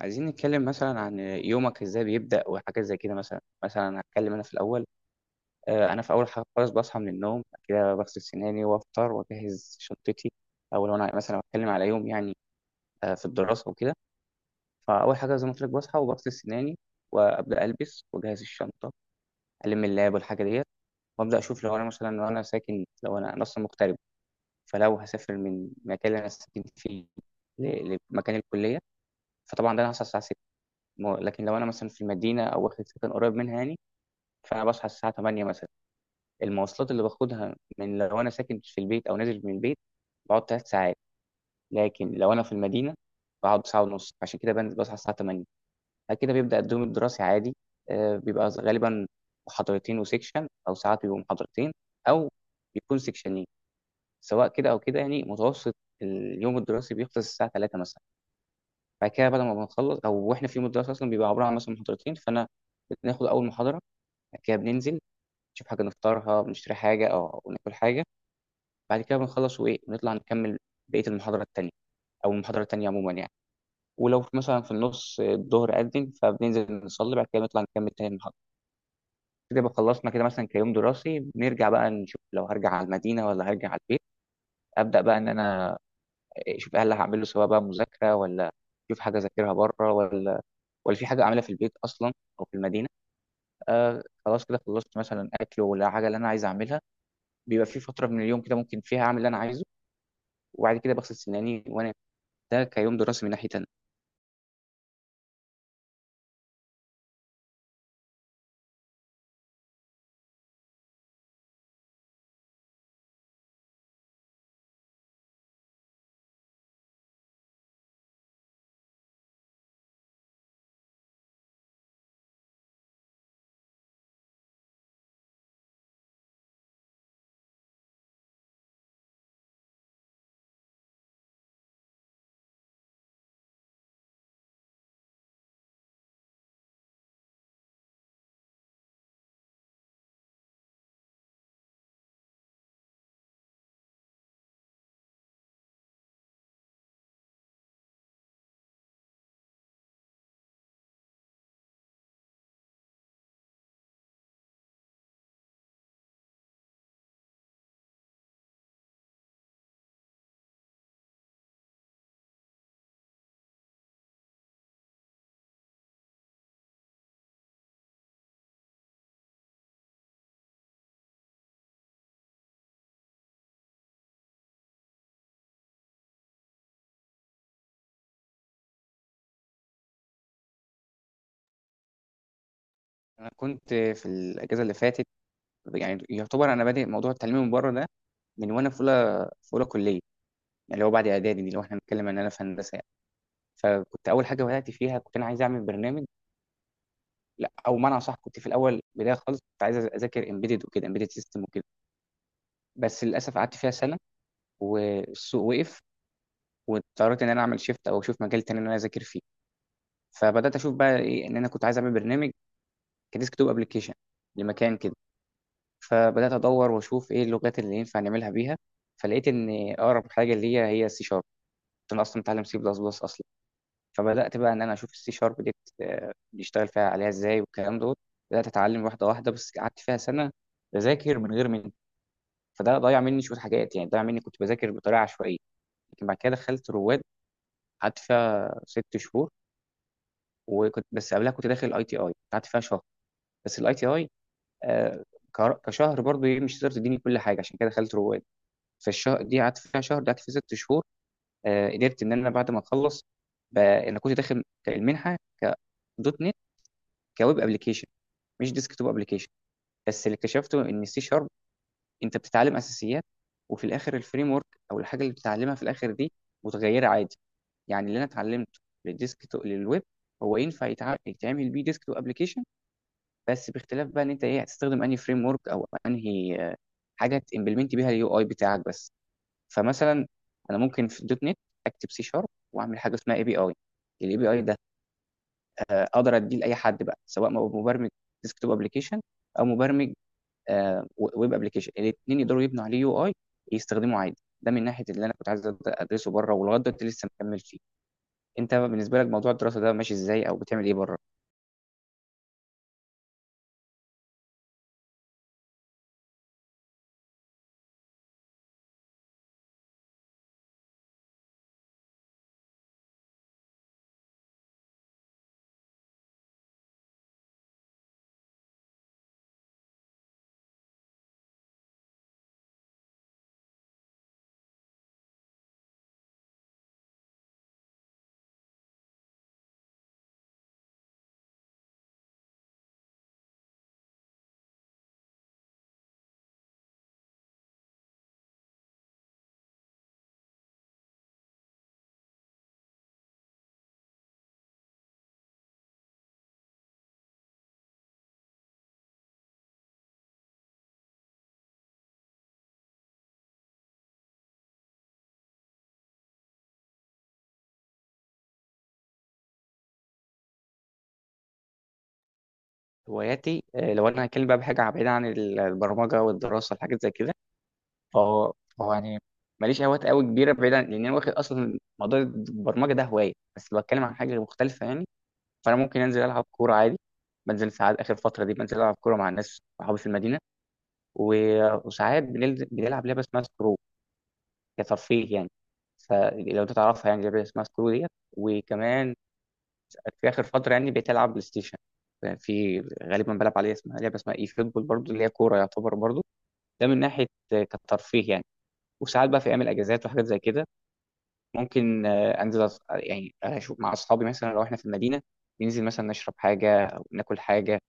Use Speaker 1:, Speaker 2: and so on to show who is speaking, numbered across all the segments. Speaker 1: عايزين نتكلم مثلا عن يومك ازاي بيبدأ وحاجات زي كده مثلا، هتكلم انا في الاول. انا في اول حاجه خالص بصحى من النوم، بعد كده بغسل سناني وافطر واجهز شنطتي، او لو انا مثلا بتكلم على يوم يعني في الدراسه وكده. فاول حاجه زي ما قلت لك بصحى وبغسل سناني وابدا البس واجهز الشنطه، الم اللاب والحاجه ديت، وابدا اشوف. لو انا مثلا لو انا ساكن لو انا أنا اصلا مغترب، فلو هسافر من المكان اللي انا ساكن فيه لمكان الكليه، فطبعا ده انا هصحى الساعه. لكن لو انا مثلا في المدينه او واخد سكن قريب منها يعني، فانا بصحى الساعه 8 مثلا. المواصلات اللي باخدها من، لو انا ساكن في البيت او نازل من البيت، بقعد ثلاث ساعات، لكن لو انا في المدينه بقعد ساعه ونص، عشان كده بنزل بصحى الساعه 8. بعد كده بيبدا الدوم الدراسي عادي. بيبقى غالبا محاضرتين وسيكشن، او ساعات بيبقوا محاضرتين، او بيكون سيكشنين، سواء كده او كده يعني متوسط. اليوم الدراسي بيخلص الساعه 3 مثلا. بعد كده، بعد ما بنخلص، او واحنا في يوم الدراسه اصلا بيبقى عباره عن مثلا محاضرتين، فانا بناخد اول محاضره، بعد كده بننزل نشوف حاجة نفطرها، بنشتري حاجة أو ناكل حاجة، بعد كده بنخلص، وإيه نطلع نكمل بقية المحاضرة التانية، أو المحاضرة التانية عموما يعني. ولو مثلا في النص الظهر أذن، فبننزل نصلي، بعد كده نطلع نكمل تاني المحاضرة. كده بقى خلصنا كده مثلا كيوم دراسي. بنرجع بقى نشوف لو هرجع على المدينة ولا هرجع على البيت، أبدأ بقى إن أنا أشوف هل هعمله، سواء بقى مذاكرة ولا أشوف حاجة أذاكرها بره، ولا ولا في حاجة أعملها في البيت أصلا أو في المدينة. آه، خلاص كده خلصت مثلا أكل ولا حاجة اللي أنا عايز أعملها، بيبقى في فتره من اليوم كده ممكن فيها اعمل اللي انا عايزه، وبعد كده بغسل سناني وانا، ده كيوم دراسي من ناحيه تانية. انا كنت في الاجازه اللي فاتت، يعني يعتبر انا بادئ موضوع التعليم من بره ده من وانا في اولى، في اولى كليه يعني، اللي هو بعد اعدادي دي، لو احنا بنتكلم ان انا في هندسه يعني. فكنت اول حاجه بدات فيها كنت انا عايز اعمل برنامج. لا او معنى صح، كنت في الاول بدايه خالص كنت عايز اذاكر امبيدد وكده، امبيدد سيستم وكده، بس للاسف قعدت فيها سنه والسوق وقف، واضطريت ان انا اعمل شيفت او اشوف مجال تاني ان انا اذاكر فيه. فبدات اشوف بقى ايه، ان انا كنت عايز اعمل برنامج كديسك توب ابلكيشن لمكان كده، فبدات ادور واشوف ايه اللغات اللي ينفع نعملها بيها، فلقيت ان اقرب حاجه ليا هي السي شارب. انا اصلا متعلم سي بلس بلس اصلا. فبدات بقى ان انا اشوف السي شارب دي بيشتغل فيها عليها ازاي والكلام دوت. بدات اتعلم واحده واحده، بس قعدت فيها سنه بذاكر من غير من، فده ضيع مني شويه حاجات يعني، ضيع مني كنت بذاكر بطريقه عشوائيه. لكن بعد كده دخلت رواد، قعدت فيها ست شهور، وكنت بس قبلها كنت داخل اي تي اي، قعدت فيها شهر، بس الاي تي اي آه، كشهر برضو ايه مش هتقدر تديني كل حاجه، عشان كده دخلت رواد. فالشهر دي قعدت فيها شهر دي قعدت فيها ست شهور. آه، قدرت ان انا بعد ما اخلص، انا كنت داخل المنحه ك دوت نت كويب ابلكيشن مش ديسك توب ابلكيشن. بس اللي اكتشفته ان السي شارب، انت بتتعلم اساسيات، وفي الاخر الفريم ورك او الحاجه اللي بتتعلمها في الاخر دي متغيره عادي. يعني اللي انا اتعلمته للديسك توب للويب هو ينفع يتعمل بيه ديسك توب ابلكيشن، بس باختلاف بقى ان انت ايه هتستخدم انهي فريم ورك، او انهي حاجه تمبلمنت بيها اليو اي بتاعك بس. فمثلا انا ممكن في دوت نت اكتب سي شارب واعمل حاجه اسمها اي بي اي. الاي بي اي ده اقدر اديه لاي حد بقى، سواء مبرمج ديسكتوب ابلكيشن، او مبرمج ويب ابلكيشن، الاثنين يقدروا يبنوا عليه يو اي يستخدموه عادي. ده من ناحيه اللي انا كنت عايز ادرسه بره ولغايه دلوقتي لسه مكمل فيه. انت بالنسبه لك موضوع الدراسه ده ماشي ازاي او بتعمل ايه بره؟ هواياتي؟ آه، لو انا هتكلم بقى بحاجه بعيده عن البرمجه والدراسه والحاجات زي كده، فهو يعني ماليش هوايات قوي كبيره بعيدا، لان انا واخد اصلا موضوع البرمجه ده هوايه. بس لو بتكلم عن حاجه مختلفه يعني، فانا ممكن انزل العب كوره عادي. بنزل ساعات، اخر فتره دي بنزل العب كوره مع الناس صحابي في المدينه، وساعات بنلعب لعبه اسمها سكرو كترفيه يعني، فلو انت تعرفها يعني لعبه اسمها سكرو ديت. وكمان في اخر فتره يعني بقيت العب بلاي ستيشن، في غالبا بلعب عليها، اسمها لعبه اسمها اي فوتبول برضو اللي هي كوره يعتبر برضو. ده من ناحيه كترفيه يعني. وساعات بقى في ايام الاجازات وحاجات زي كده، ممكن انزل، يعني اشوف مع اصحابي مثلا لو احنا في المدينه، ننزل مثلا نشرب حاجه او ناكل حاجه.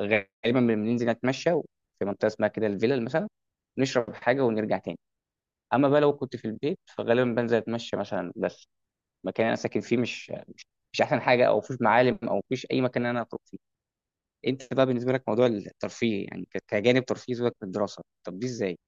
Speaker 1: غالبا بننزل نتمشى في منطقه اسمها كده الفيلل مثلا، نشرب حاجه ونرجع تاني. اما بقى لو كنت في البيت فغالبا بنزل اتمشى مثلا، بس المكان اللي انا ساكن فيه مش مش احسن حاجه، او مفيش معالم او مفيش اي مكان إن انا اخرج فيه. انت بقى بالنسبه لك موضوع الترفيه يعني كجانب ترفيه، سيبك من الدراسه، طب دي ازاي؟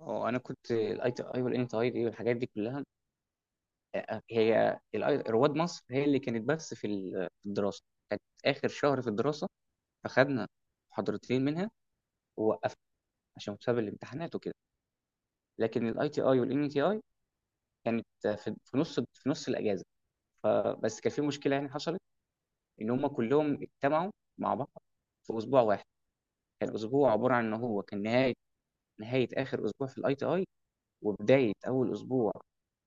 Speaker 1: اه انا كنت الاي تي اي والان تي اي دي والحاجات دي كلها، آه، هي رواد مصر هي اللي كانت بس في في الدراسه، كانت اخر شهر في الدراسه فخدنا محاضرتين منها ووقفنا عشان بسبب الامتحانات وكده. لكن الاي تي اي والان تي اي كانت في في نص الاجازه. فبس كان في مشكله يعني حصلت، ان هم كلهم اجتمعوا مع بعض في اسبوع واحد. كان اسبوع عباره عن ان هو كان نهايه، نهايه اخر اسبوع في الاي تي اي، وبدايه اول اسبوع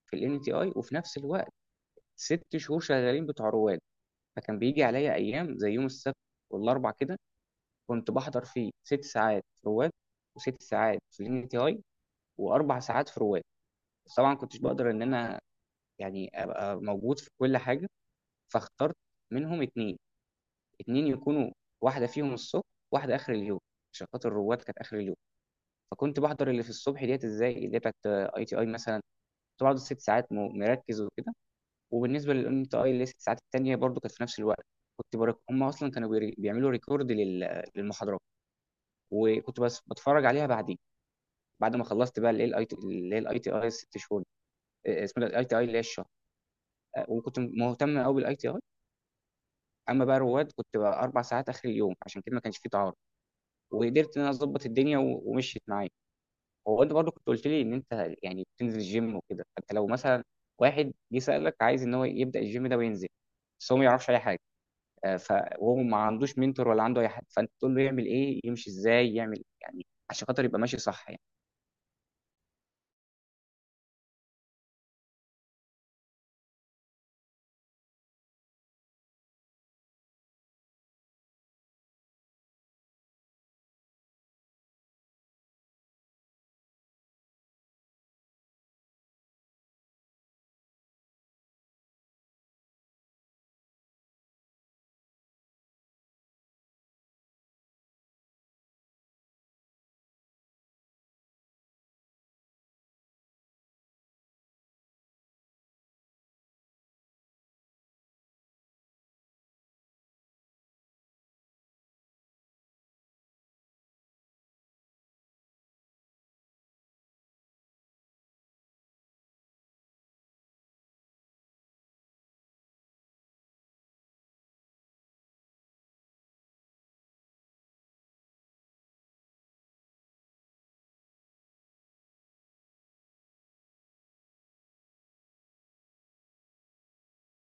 Speaker 1: في الان تي اي، وفي نفس الوقت ست شهور شغالين بتوع رواد. فكان بيجي عليا ايام زي يوم السبت والاربع كده، كنت بحضر فيه ست ساعات في رواد، وست ساعات في الان تي اي، واربع ساعات في رواد. بس طبعا كنتش بقدر ان انا يعني ابقى موجود في كل حاجه، فاخترت منهم اتنين. اتنين يكونوا واحده فيهم الصبح واحده اخر اليوم، عشان خاطر الرواد كانت اخر اليوم. فكنت بحضر اللي في الصبح ديت ازاي، اللي هي بتاعت اي تي اي مثلا، كنت بقعد الست ساعات مركز وكده. وبالنسبه للان تي اي اللي هي الست ساعات التانيه برضو كانت في نفس الوقت، هم اصلا كانوا بيعملوا ريكورد للمحاضرات، وكنت بس بتفرج عليها بعدين. بعد ما خلصت بقى اللي هي الاي تي اي الست شهور دي. آه، اسمها الاي تي اي اللي هي الشهر. آه، وكنت مهتم قوي بالاي تي اي، اما بقى رواد كنت بقى اربع ساعات اخر اليوم، عشان كده ما كانش فيه تعارض، وقدرت ان انا اظبط الدنيا ومشيت معايا. هو انت برضو كنت قلت لي ان انت يعني بتنزل الجيم وكده، فانت لو مثلا واحد جه سالك عايز ان هو يبدا الجيم ده وينزل، بس هو ما يعرفش اي حاجه، آه، ف وهو ما عندوش منتور ولا عنده اي حد، فانت تقول له يعمل ايه، يمشي ازاي يعمل يعني عشان خاطر يبقى ماشي صح؟